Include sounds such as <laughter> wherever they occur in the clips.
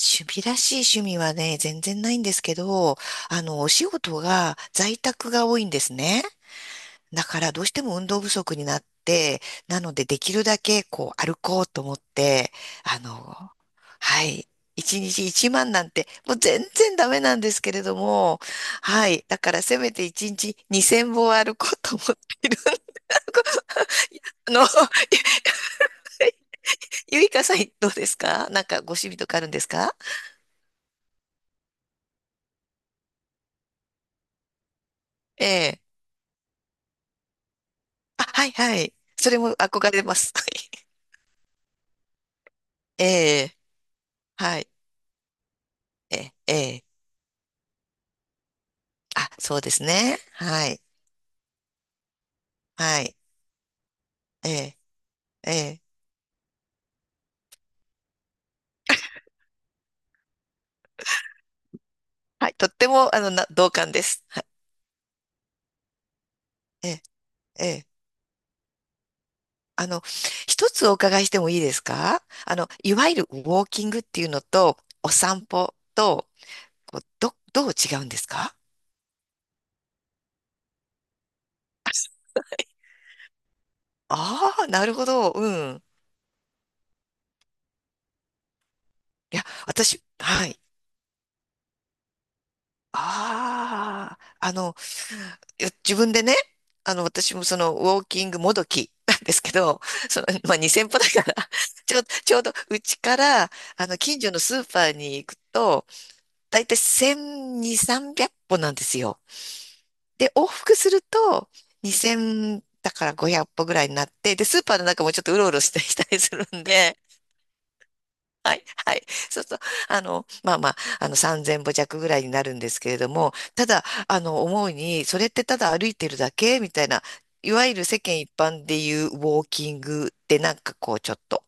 趣味らしい趣味はね、全然ないんですけど、お仕事が在宅が多いんですね。だからどうしても運動不足になって、なのでできるだけこう歩こうと思って、あの、はい。一日一万なんて、もう全然ダメなんですけれども、はい。だからせめて一日二千歩歩こうと思っている。<laughs> あの、<laughs> ゆいかさん、どうですか？なんかご趣味とかあるんですか？ええ。あ、はいはい。それも憧れます。はい。ええ、はい。ええ、ええ。あ、そうですね。はい。はい。ええ、ええ。はい。とっても、同感です。ええ、ええ。あの、一つお伺いしてもいいですか？いわゆるウォーキングっていうのと、お散歩と、どう違うんですか？ああー、なるほど。うん。いや、私、はい。ああ、いや自分でね、私もウォーキングもどき <laughs> なんですけど、まあ、2000歩だから <laughs> ちょうど、うちから、近所のスーパーに行くと、だいたい1200、300歩なんですよ。で、往復すると、2000だから500歩ぐらいになって、で、スーパーの中もちょっとうろうろしたりするんで、はい、はい。<laughs> そうすると、まあまあ、3000歩弱ぐらいになるんですけれども、ただ、思うに、それってただ歩いてるだけみたいな、いわゆる世間一般でいうウォーキングってなんかこう、ちょっと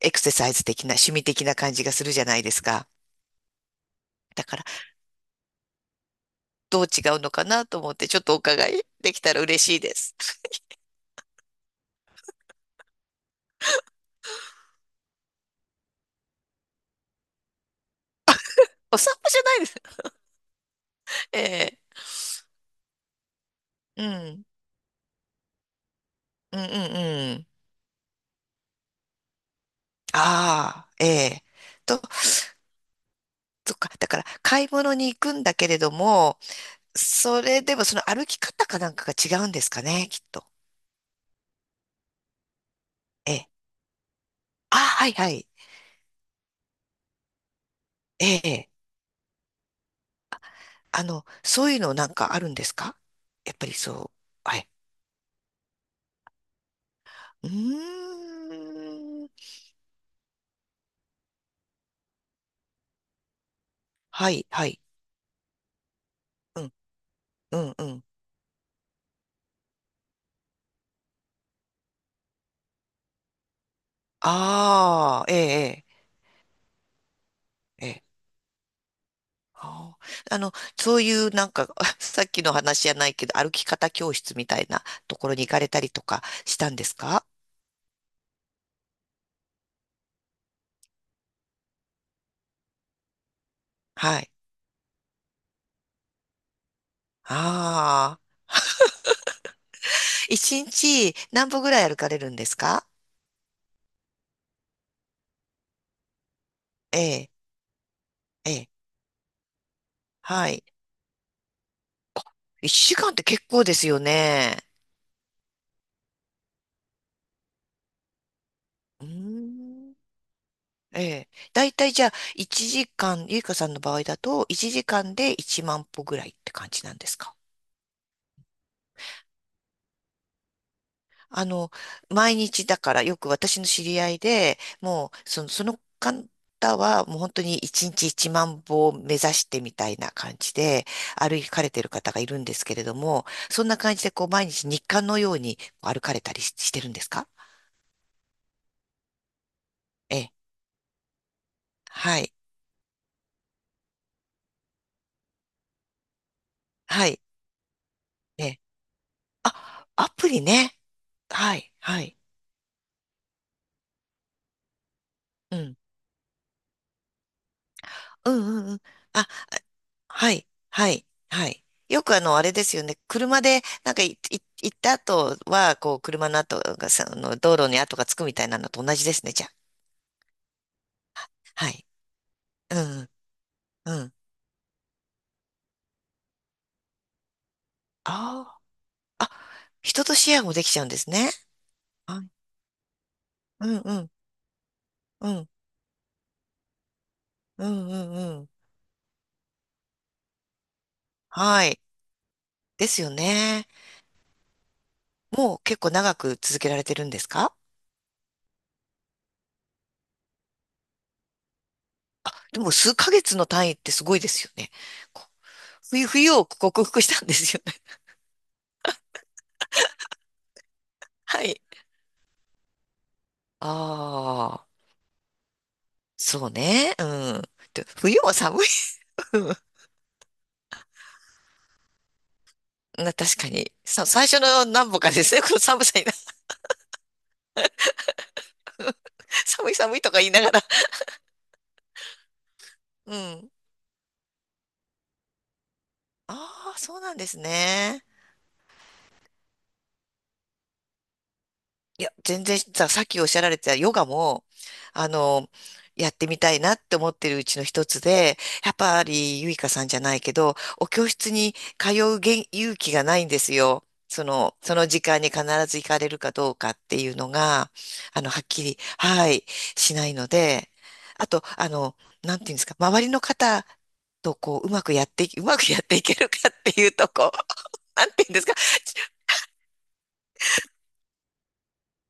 エクササイズ的な、趣味的な感じがするじゃないですか。だから、どう違うのかなと思って、ちょっとお伺いできたら嬉しいです。<laughs> お散歩じゃないです。<laughs> ええ、うん、うん、うん、うん。ああ、ええ。と、そっか。だから、買い物に行くんだけれども、それでもその歩き方かなんかが違うんですかね、きっと。ええ。あ、はいはい。ええ。そういうのなんかあるんですか？やっぱりそう。はい。うーん。はいはい。うん、うん、うん。ああ、ええ、ええ。ええ。あー、そういうなんか、<laughs> さっきの話じゃないけど、歩き方教室みたいなところに行かれたりとかしたんですか？はい。ああ。一日何歩ぐらい歩かれるんですか？ええ。ええ、はい。1時間って結構ですよね。うーん。ええ。だいたいじゃあ、1時間、ゆいかさんの場合だと、1時間で1万歩ぐらいって感じなんですか？あの、毎日だから、よく私の知り合いで、もう、その方は、もう本当に1日1万歩を目指してみたいな感じで、歩かれてる方がいるんですけれども、そんな感じで、こう、毎日日課のように歩かれたりしてるんですか？ええ。はい。はい。ええ。あ、アプリね。はい、はい。うん。うんうんうん。あ、はい、はい、はい。よくあれですよね。車で、なんか行った後は、こう、車の跡がさ、道路に跡がつくみたいなのと同じですね、じゃあ。はい。うん、うん。ああ。あ、人とシェアもできちゃうんですね。はい。うん、うん、うん、うん、うん、うん。はい。ですよね。もう結構長く続けられてるんですか？でも数ヶ月の単位ってすごいですよね。冬を克服したんですよね。<laughs> はい。ああ、そうね。うん。で冬は寒い。うん。確かに。最初の何歩かですね。この寒さにな、<laughs> 寒い寒いとか言いながら。うん。ああ、そうなんですね。いや、全然さっきおっしゃられてたヨガも、あの、やってみたいなって思ってるうちの一つで、やっぱりゆいかさんじゃないけど、お教室に通う勇気がないんですよ。その、その時間に必ず行かれるかどうかっていうのが、はっきり、はい、しないので、あと、なんていうんですか、周りの方とこう、うまくやっていけるかっていうとこ、<laughs> なんていうんですか、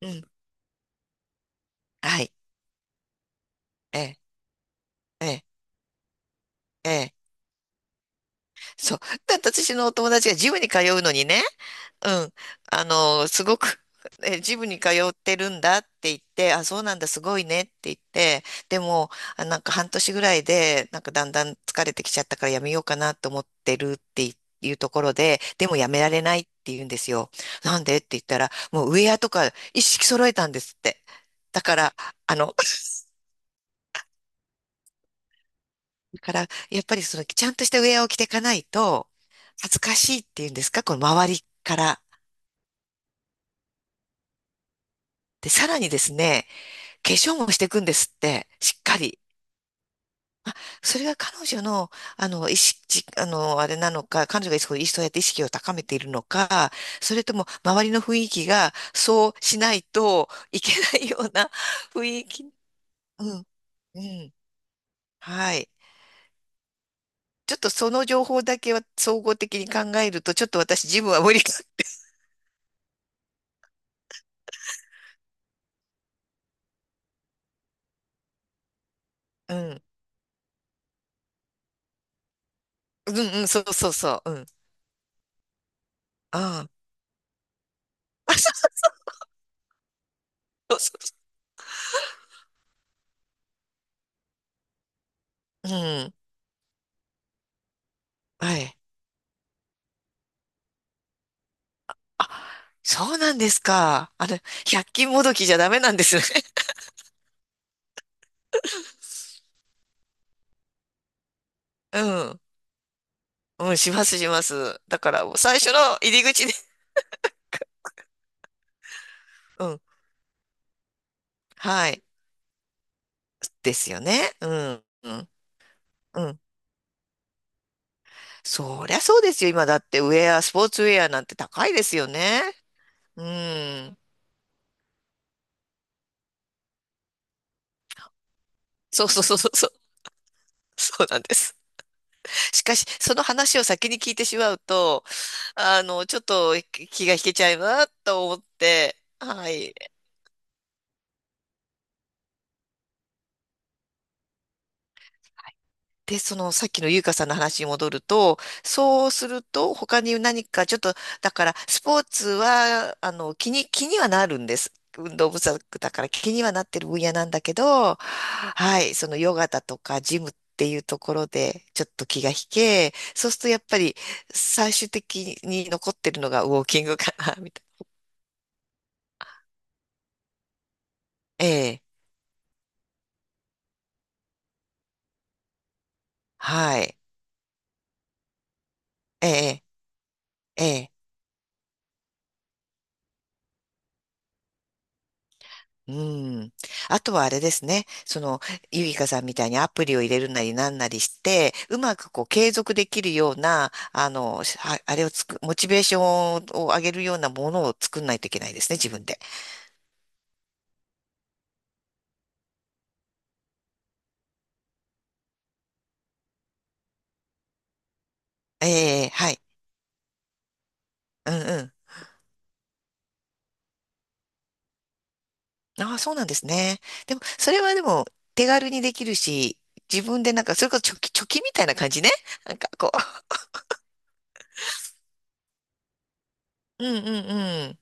うん、はい、ええ、ええ、ええ。そう。<laughs> だって私のお友達がジムに通うのにね、うん、すごく、<laughs> ジムに通ってるんだって言って、あ、そうなんだ、すごいねって言って、でも、あ、なんか半年ぐらいで、なんかだんだん疲れてきちゃったからやめようかなと思ってるっていいうところで、でもやめられないって言うんですよ。なんでって言ったら、もうウェアとか一式揃えたんですって。だから、あの、<laughs> だから、やっぱりその、ちゃんとしたウェアを着ていかないと、恥ずかしいっていうんですか、この周りから。で、さらにですね、化粧もしていくんですって、しっかり。あ、それが彼女の、意識、あれなのか、彼女がそうやって意識を高めているのか、それとも周りの雰囲気がそうしないといけないような雰囲気。うん、うん、はい。ちょっとその情報だけは総合的に考えると、ちょっと私自分は無理か。うん、うん、うん、そうそうそう、うん、ああ、<laughs> そうそうそう、うん、はい。あ、そうなんですか？あれ、百均もどきじゃダメなんですね。<laughs> うん。うん、します、します。だから、もう最初の入り口で。うん。はい。ですよね。うん。うん。うん。そりゃそうですよ。今だってウェア、スポーツウェアなんて高いですよね。うん。そうそうそうそうそう。そうなんです。しかし、その話を先に聞いてしまうと、ちょっと気が引けちゃいなと思って、はい。で、そのさっきの優香さんの話に戻ると、そうすると他に何かちょっと、だからスポーツは、気にはなるんです。運動不足だから気にはなってる分野なんだけど、はい、そのヨガだとかジムっていうところでちょっと気が引け、そうするとやっぱり最終的に残ってるのがウォーキングかな、みたいな。ええ、はい、ええ、ええ。うん。あとはあれですね。ゆいかさんみたいにアプリを入れるなりなんなりして、うまくこう継続できるような、はあれをつく、モチベーションを上げるようなものを作んないといけないですね、自分で。ええ、はい。うんうん。ああ、そうなんですね。でも、それはでも、手軽にできるし、自分でなんか、それこそ貯金みたいな感じね。なんかこう。うんうん。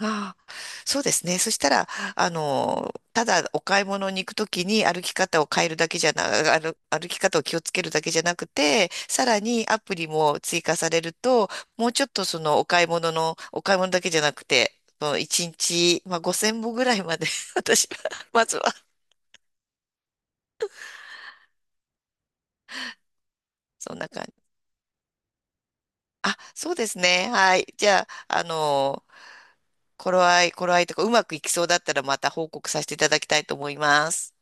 ああ、そうですね。そしたら、ただお買い物に行くときに歩き方を変えるだけじゃな、歩、歩き方を気をつけるだけじゃなくて、さらにアプリも追加されると、もうちょっとそのお買い物だけじゃなくて、その1日、まあ、5000歩ぐらいまで <laughs> 私は、まずは、そんな感じ。あ、そうですね。はい。じゃあ、頃合いとか、うまくいきそうだったらまた報告させていただきたいと思います。